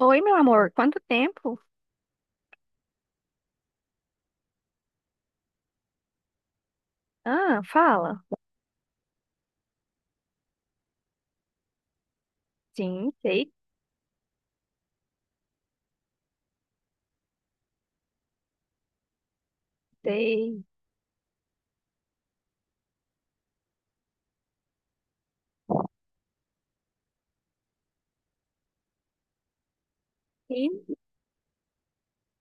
Oi, meu amor, quanto tempo? Ah, fala. Sim, sei. Sim,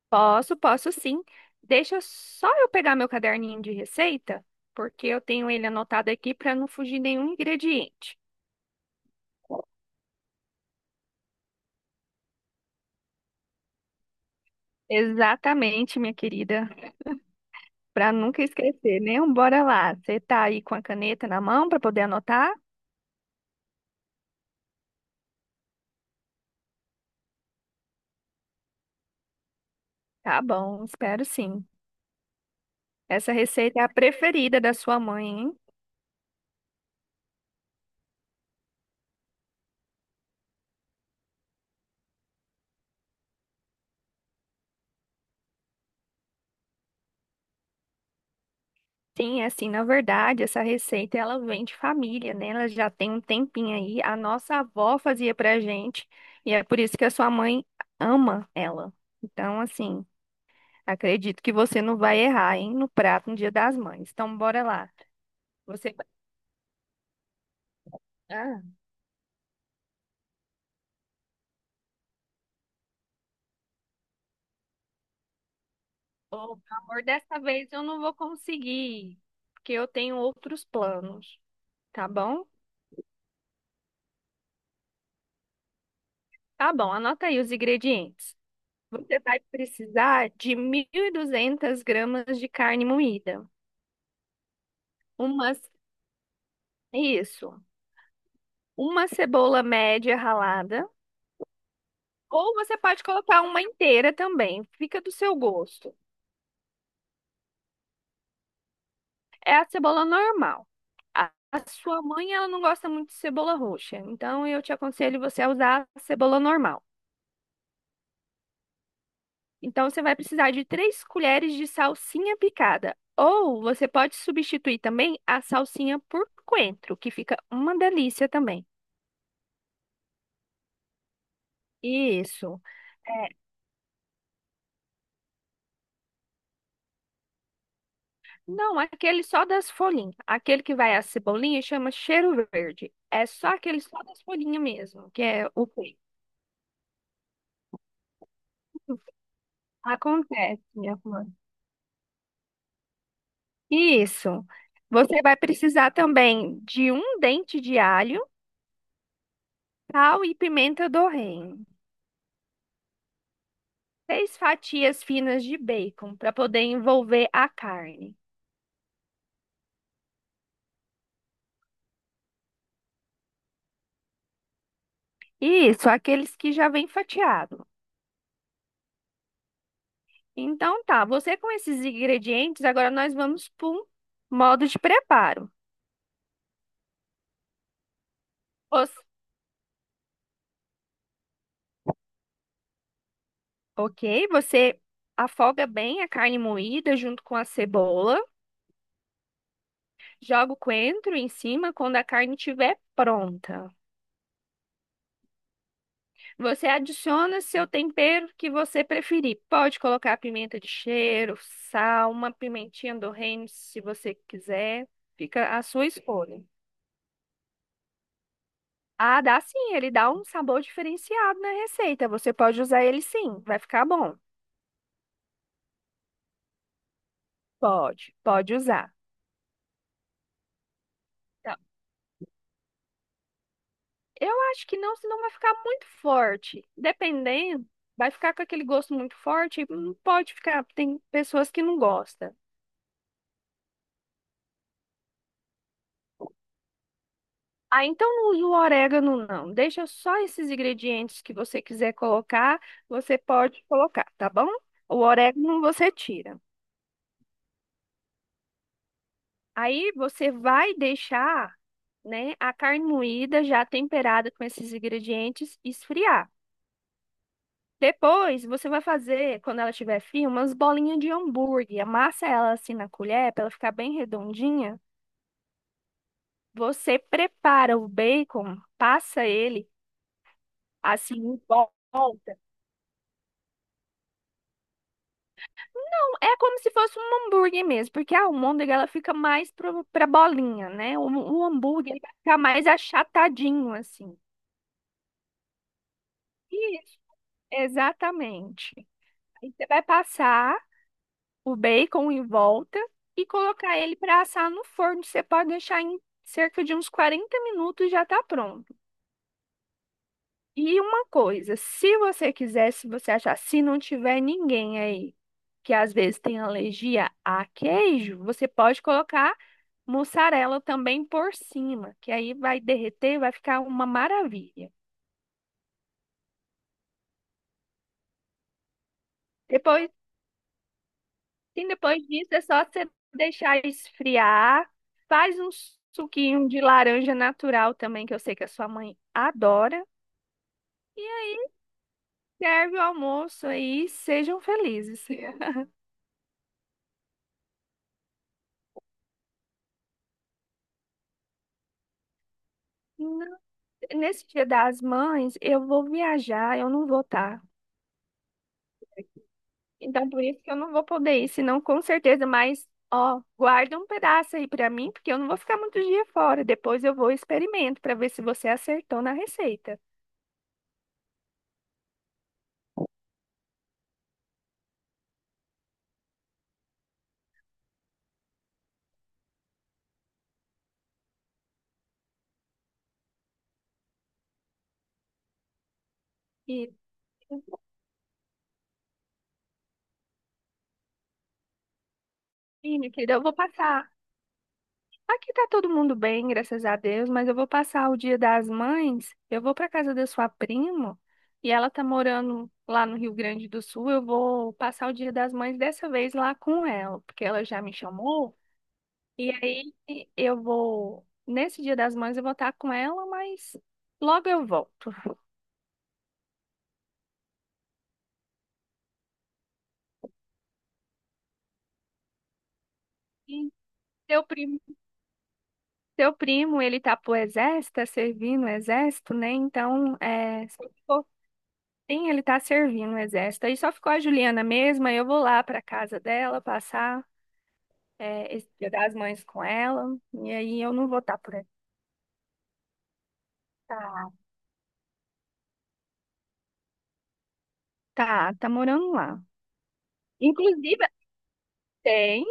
posso sim. Deixa só eu pegar meu caderninho de receita, porque eu tenho ele anotado aqui para não fugir nenhum ingrediente. Exatamente, minha querida, para nunca esquecer, né? Um Bora lá. Você tá aí com a caneta na mão para poder anotar? Tá bom, espero sim. Essa receita é a preferida da sua mãe, hein? Sim, é assim, na verdade, essa receita ela vem de família, né? Ela já tem um tempinho aí. A nossa avó fazia pra gente e é por isso que a sua mãe ama ela. Então, assim, acredito que você não vai errar, hein, no prato no Dia das Mães. Então, bora lá. Você, ah, oh, pelo amor, dessa vez eu não vou conseguir, porque eu tenho outros planos, tá bom? Tá bom, anota aí os ingredientes. Você vai precisar de 1.200 gramas de carne moída. Uma, isso. Uma cebola média ralada. Ou você pode colocar uma inteira também. Fica do seu gosto. É a cebola normal. A sua mãe, ela não gosta muito de cebola roxa. Então, eu te aconselho você a usar a cebola normal. Então, você vai precisar de 3 colheres de salsinha picada. Ou você pode substituir também a salsinha por coentro, que fica uma delícia também. Isso. é, Não, aquele só das folhinhas. Aquele que vai a cebolinha chama cheiro verde. É só aquele só das folhinhas mesmo, que é o peito. Acontece, minha flor. Isso. Você vai precisar também de um dente de alho, sal e pimenta do reino. Seis fatias finas de bacon para poder envolver a carne. Isso, aqueles que já vem fatiado. Então tá, você com esses ingredientes, agora nós vamos para um modo de preparo. Ok, você afoga bem a carne moída junto com a cebola, joga o coentro em cima quando a carne estiver pronta. Você adiciona seu tempero que você preferir. Pode colocar pimenta de cheiro, sal, uma pimentinha do reino, se você quiser. Fica à sua escolha. Ah, dá sim, ele dá um sabor diferenciado na receita. Você pode usar ele sim, vai ficar bom. Pode, pode usar. Eu acho que não, senão vai ficar muito forte. Dependendo, vai ficar com aquele gosto muito forte. Não pode ficar. Tem pessoas que não gostam. Ah, então não usa o orégano, não. Deixa só esses ingredientes que você quiser colocar, você pode colocar, tá bom? O orégano você tira. Aí você vai deixar, né, a carne moída já temperada com esses ingredientes esfriar. Depois, você vai fazer, quando ela estiver fria, umas bolinhas de hambúrguer. Amassa ela assim na colher para ela ficar bem redondinha. Você prepara o bacon, passa ele assim em volta. É como se fosse um hambúrguer mesmo, porque a almôndega ela fica mais pra bolinha, né? O hambúrguer ele vai ficar mais achatadinho assim. Isso, exatamente. Aí você vai passar o bacon em volta e colocar ele para assar no forno. Você pode deixar em cerca de uns 40 minutos já tá pronto. E uma coisa, se você quiser, se você achar, se não tiver ninguém aí que às vezes tem alergia a queijo, você pode colocar mussarela também por cima, que aí vai derreter, vai ficar uma maravilha. Depois sim, depois disso é só você deixar esfriar. Faz um suquinho de laranja natural também, que eu sei que a sua mãe adora. E serve o almoço aí, sejam felizes. Não- Nesse Dia das Mães, eu vou viajar, eu não vou estar. Então, por isso que eu não vou poder ir, senão com certeza, mas ó, guarda um pedaço aí pra mim, porque eu não vou ficar muito dia fora. Depois eu vou e experimento pra ver se você acertou na receita. E, sim, minha querida, eu vou passar aqui tá todo mundo bem, graças a Deus, mas eu vou passar o Dia das Mães. Eu vou para casa da sua prima e ela tá morando lá no Rio Grande do Sul. Eu vou passar o Dia das Mães dessa vez lá com ela, porque ela já me chamou. E aí eu vou nesse Dia das Mães eu vou estar com ela, mas logo eu volto. E Seu primo, seu primo, ele tá pro exército, tá servindo o exército, né? Então, se eu for Sim, ele tá servindo o exército. Aí só ficou a Juliana mesma. Eu vou lá pra casa dela passar esse Dia das Mães com ela. E aí eu não vou estar por aqui. Tá, tá morando lá. Inclusive, tem.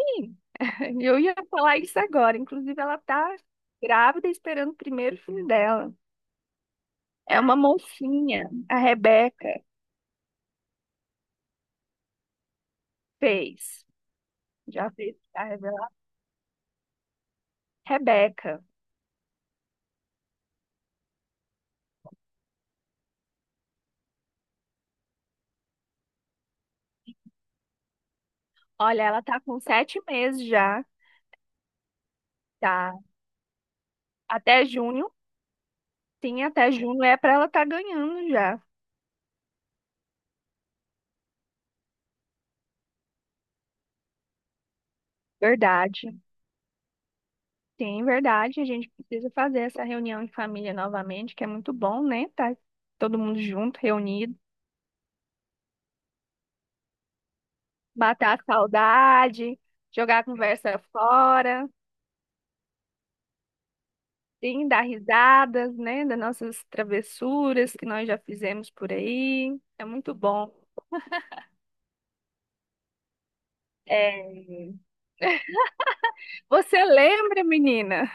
Eu ia falar isso agora. Inclusive, ela tá grávida esperando o primeiro filho dela. É uma mocinha. A Rebeca fez. Já fez a revelação. Rebeca. Olha, ela tá com 7 meses já. Tá. Até junho. Sim, até junho é para ela estar ganhando já. Verdade. Sim, verdade. A gente precisa fazer essa reunião em família novamente, que é muito bom, né? Tá todo mundo junto, reunido, matar a saudade, jogar a conversa fora, sim, dar risadas, né? Das nossas travessuras que nós já fizemos por aí. É muito bom. É, você lembra, menina?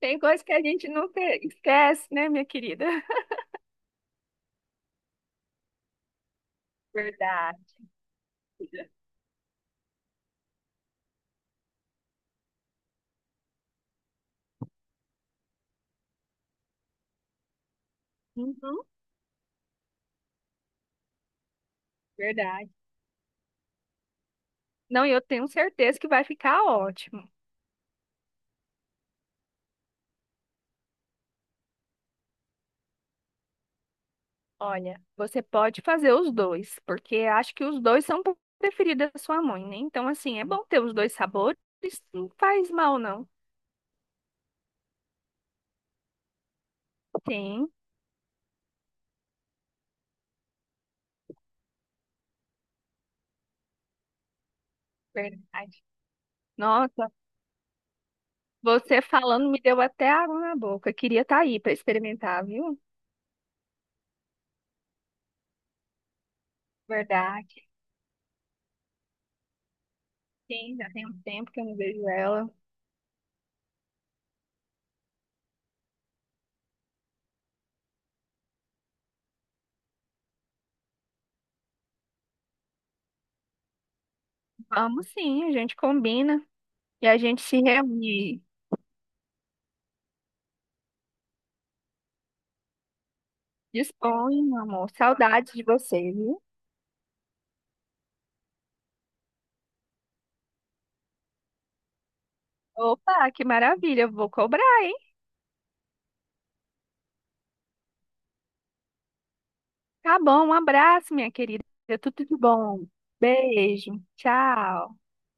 Tem coisa que a gente nunca esquece, né, minha querida? Verdade. Uhum, verdade. Não, e eu tenho certeza que vai ficar ótimo. Olha, você pode fazer os dois, porque acho que os dois são preferidos da sua mãe, né? Então, assim, é bom ter os dois sabores, não faz mal, não. Sim, verdade. Nossa, você falando me deu até água na boca. Queria estar aí para experimentar, viu? Verdade. Sim, já tem um tempo que eu não vejo ela. Vamos sim, a gente combina e a gente se reúne. Dispõe, meu amor. Saudades de você, viu? Opa, que maravilha. Eu vou cobrar, hein? Tá bom, um abraço, minha querida. Tudo de bom. Beijo. Tchau.